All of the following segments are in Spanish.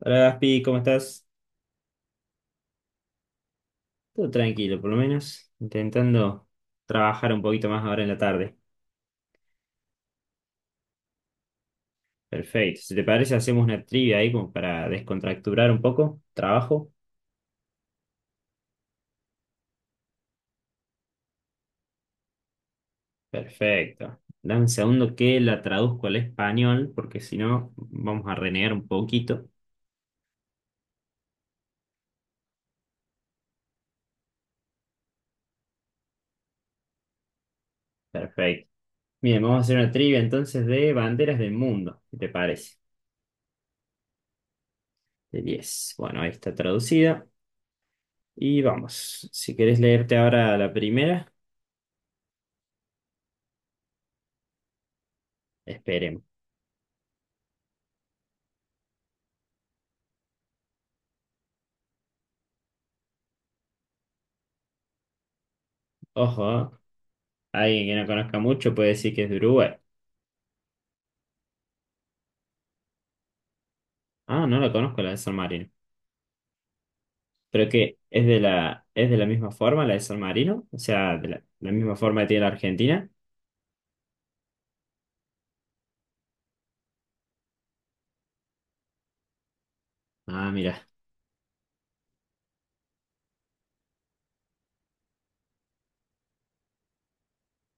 Hola Gaspi, ¿cómo estás? Todo tranquilo, por lo menos, intentando trabajar un poquito más ahora en la tarde. Perfecto. Si te parece, hacemos una trivia ahí como para descontracturar un poco. ¿Trabajo? Perfecto. Dame un segundo que la traduzco al español, porque si no, vamos a renegar un poquito. Perfecto. Bien, vamos a hacer una trivia entonces de banderas del mundo, si te parece. De 10. Bueno, ahí está traducida. Y vamos. Si querés leerte ahora la primera, esperemos. Ojo, ¿eh? Alguien que no conozca mucho puede decir que es de Uruguay. Ah, no la conozco la de San Marino. ¿Pero qué? ¿Es de la misma forma la de San Marino? O sea, de la misma forma que tiene la Argentina. Ah, mira.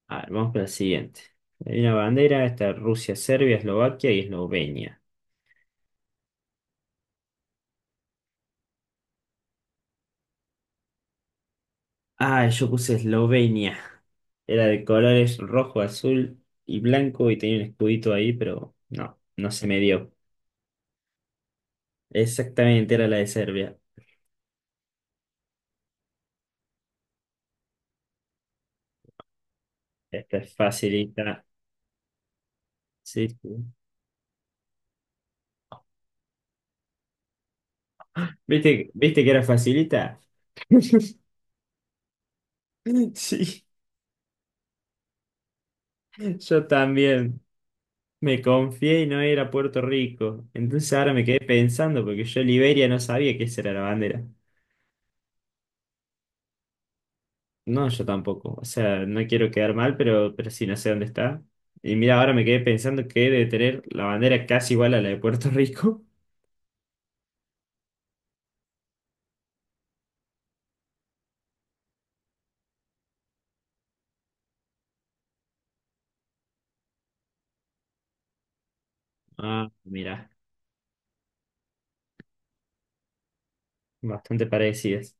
A ver, vamos para la siguiente. Hay una bandera, está Rusia, Serbia, Eslovaquia y Eslovenia. Ah, yo puse Eslovenia. Era de colores rojo, azul y blanco y tenía un escudito ahí, pero no se me dio. Exactamente, era la de Serbia. Esta es facilita. Sí, sí. ¿Viste que era facilita? Sí, yo también me confié y no era Puerto Rico. Entonces ahora me quedé pensando porque yo Liberia no sabía que esa era la bandera. No, yo tampoco. O sea, no quiero quedar mal, pero sí, no sé dónde está. Y mira, ahora me quedé pensando que debe tener la bandera casi igual a la de Puerto Rico. Ah, mira, bastante parecidas.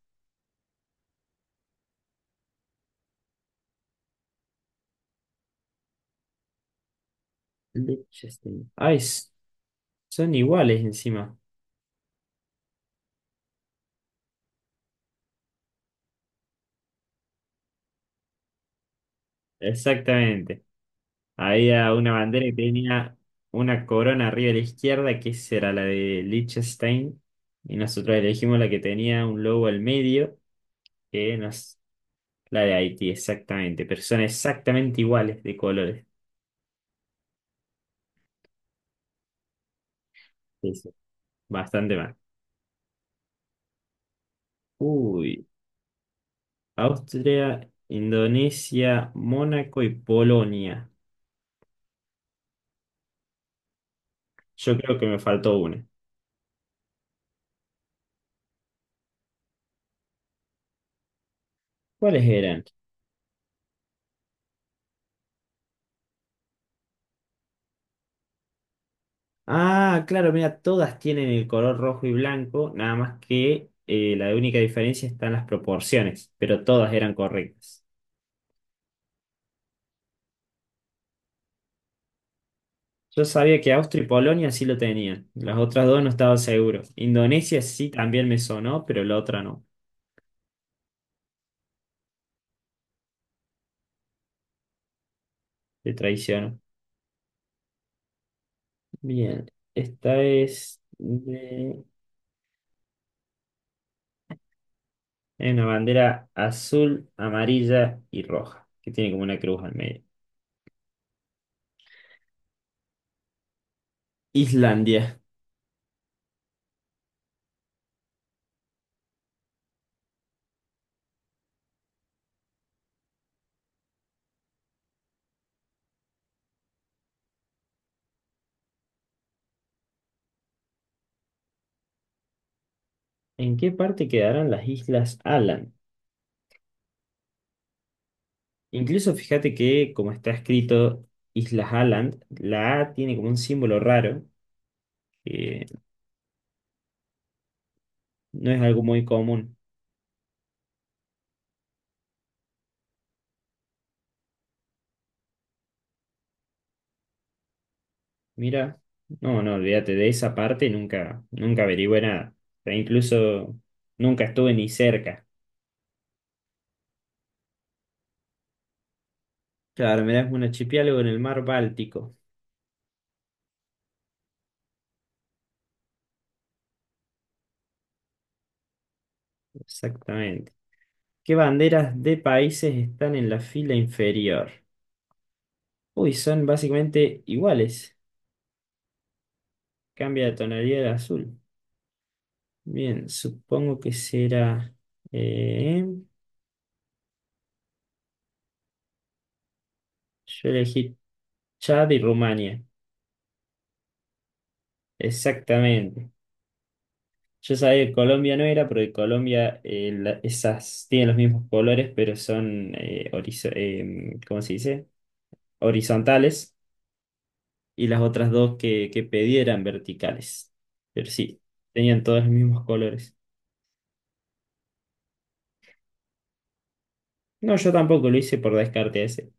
Liechtenstein. Ay, son iguales encima. Exactamente. Había una bandera que tenía una corona arriba a la izquierda, que esa era la de Liechtenstein, y nosotros elegimos la que tenía un logo al medio, que nos, la de Haití, exactamente, pero son exactamente iguales de colores. Sí, sí, bastante mal. Uy, Austria, Indonesia, Mónaco y Polonia. Yo creo que me faltó una. ¿Cuáles eran? Ah, claro, mira, todas tienen el color rojo y blanco, nada más que la única diferencia está en las proporciones, pero todas eran correctas. Yo sabía que Austria y Polonia sí lo tenían, las otras dos no estaba seguro. Indonesia sí también me sonó, pero la otra no, te traiciono. Bien, hay una bandera azul, amarilla y roja, que tiene como una cruz al medio. Islandia. ¿En qué parte quedarán las islas Alan? Incluso fíjate que, como está escrito Islas Aland, la A tiene como un símbolo raro, que no es algo muy común. Mira, no, no, olvídate de esa parte, nunca, nunca averigüé nada. E incluso nunca estuve ni cerca. Claro, mirá, es un archipiélago en el mar Báltico. Exactamente. ¿Qué banderas de países están en la fila inferior? Uy, son básicamente iguales. Cambia de tonalidad de azul. Bien, supongo que será. eh, Yo elegí Chad y Rumania, exactamente. Yo sabía que Colombia no era, porque Colombia esas tienen los mismos colores, pero son, ¿cómo se dice? Horizontales, y las otras dos que pedí eran verticales. Pero sí, tenían todos los mismos colores. No, yo tampoco lo hice por descarte ese,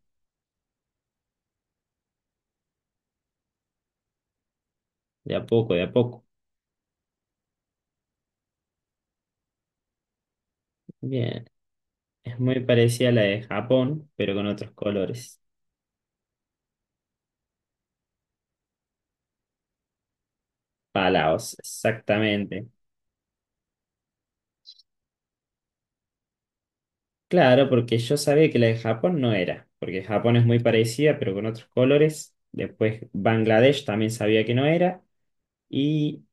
de a poco, de a poco. Bien, es muy parecida a la de Japón, pero con otros colores. Palaos, exactamente. Claro, porque yo sabía que la de Japón no era, porque Japón es muy parecida, pero con otros colores. Después Bangladesh también sabía que no era. Y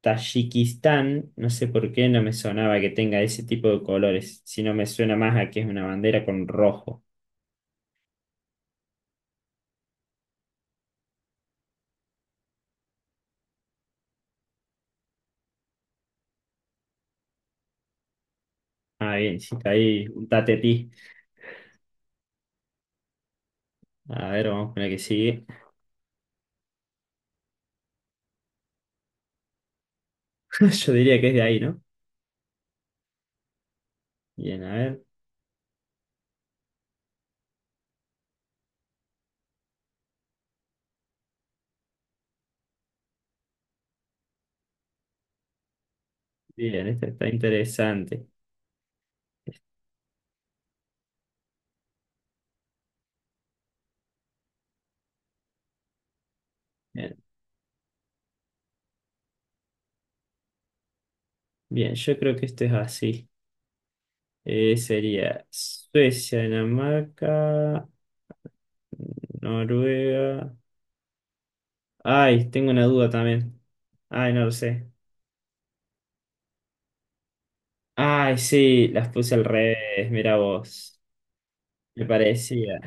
Tayikistán, no sé por qué no me sonaba que tenga ese tipo de colores, sino me suena más a que es una bandera con rojo. Ah, bien, sí, está ahí un tatetí. A ver, vamos con la que sigue. Yo diría que es de ahí, ¿no? Bien, a ver. Bien, esta está interesante. Bien, bien, yo creo que esto es así. Sería Suecia, Dinamarca, Noruega. Ay, tengo una duda también. Ay, no lo sé. Ay, sí, las puse al revés, mira vos. Me parecía.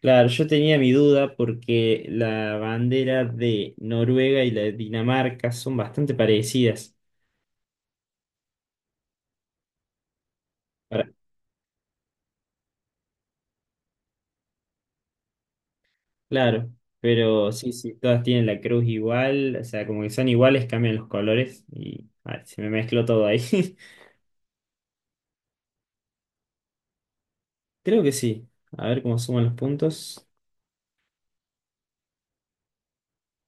Claro, yo tenía mi duda porque la bandera de Noruega y la de Dinamarca son bastante parecidas. Para- claro, pero sí, sí, todas tienen la cruz igual, o sea, como que son iguales, cambian los colores y ay, se me mezcló todo ahí. Creo que sí. A ver cómo suman los puntos.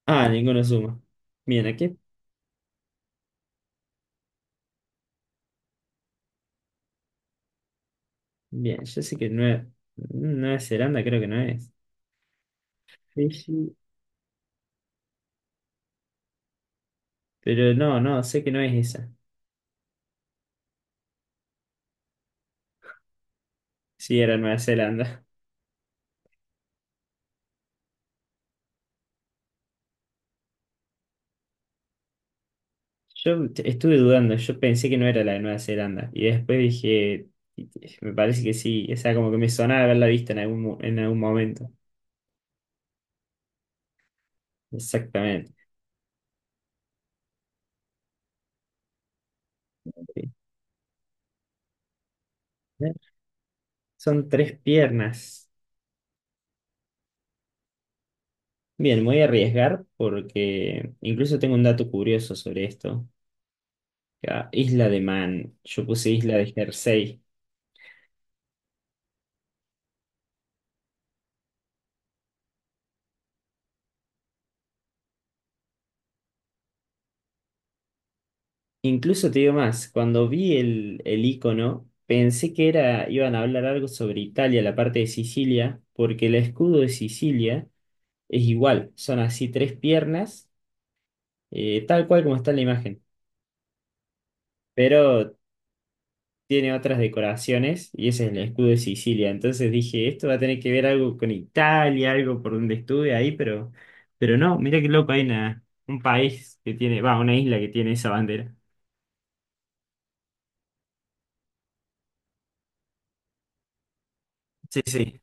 Ah, ninguno suma. Bien, aquí. Bien, yo sé que Nueva Zelanda creo que no es. Fiji. Pero no, no, sé que no es esa. Sí, era Nueva Zelanda. Estuve dudando, yo pensé que no era la de Nueva Zelanda. Y después dije, me parece que sí. O sea, como que me sonaba haberla visto en algún momento. Exactamente. Son tres piernas. Bien, me voy a arriesgar porque incluso tengo un dato curioso sobre esto. Ah, Isla de Man, yo puse Isla de Jersey. Incluso te digo más, cuando vi el icono, pensé que era, iban a hablar algo sobre Italia, la parte de Sicilia, porque el escudo de Sicilia es igual, son así tres piernas, tal cual como está en la imagen, pero tiene otras decoraciones y ese es el escudo de Sicilia. Entonces dije, esto va a tener que ver algo con Italia, algo por donde estuve ahí, pero no, mira qué loco, un país que tiene, va, una isla que tiene esa bandera. Sí, sí.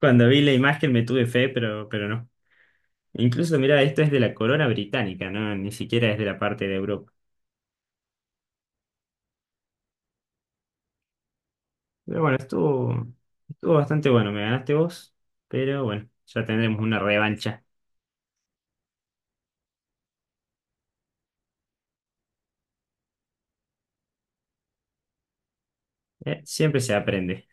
Cuando vi la imagen me tuve fe, pero no. Incluso, mira, esto es de la corona británica, ¿no? Ni siquiera es de la parte de Europa. Pero bueno, estuvo bastante bueno. Me ganaste vos, pero bueno, ya tendremos una revancha. Siempre se aprende.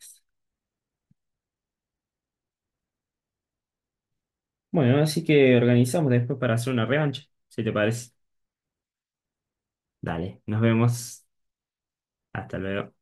Bueno, así que organizamos después para hacer una revancha, si te parece. Dale, nos vemos. Hasta luego.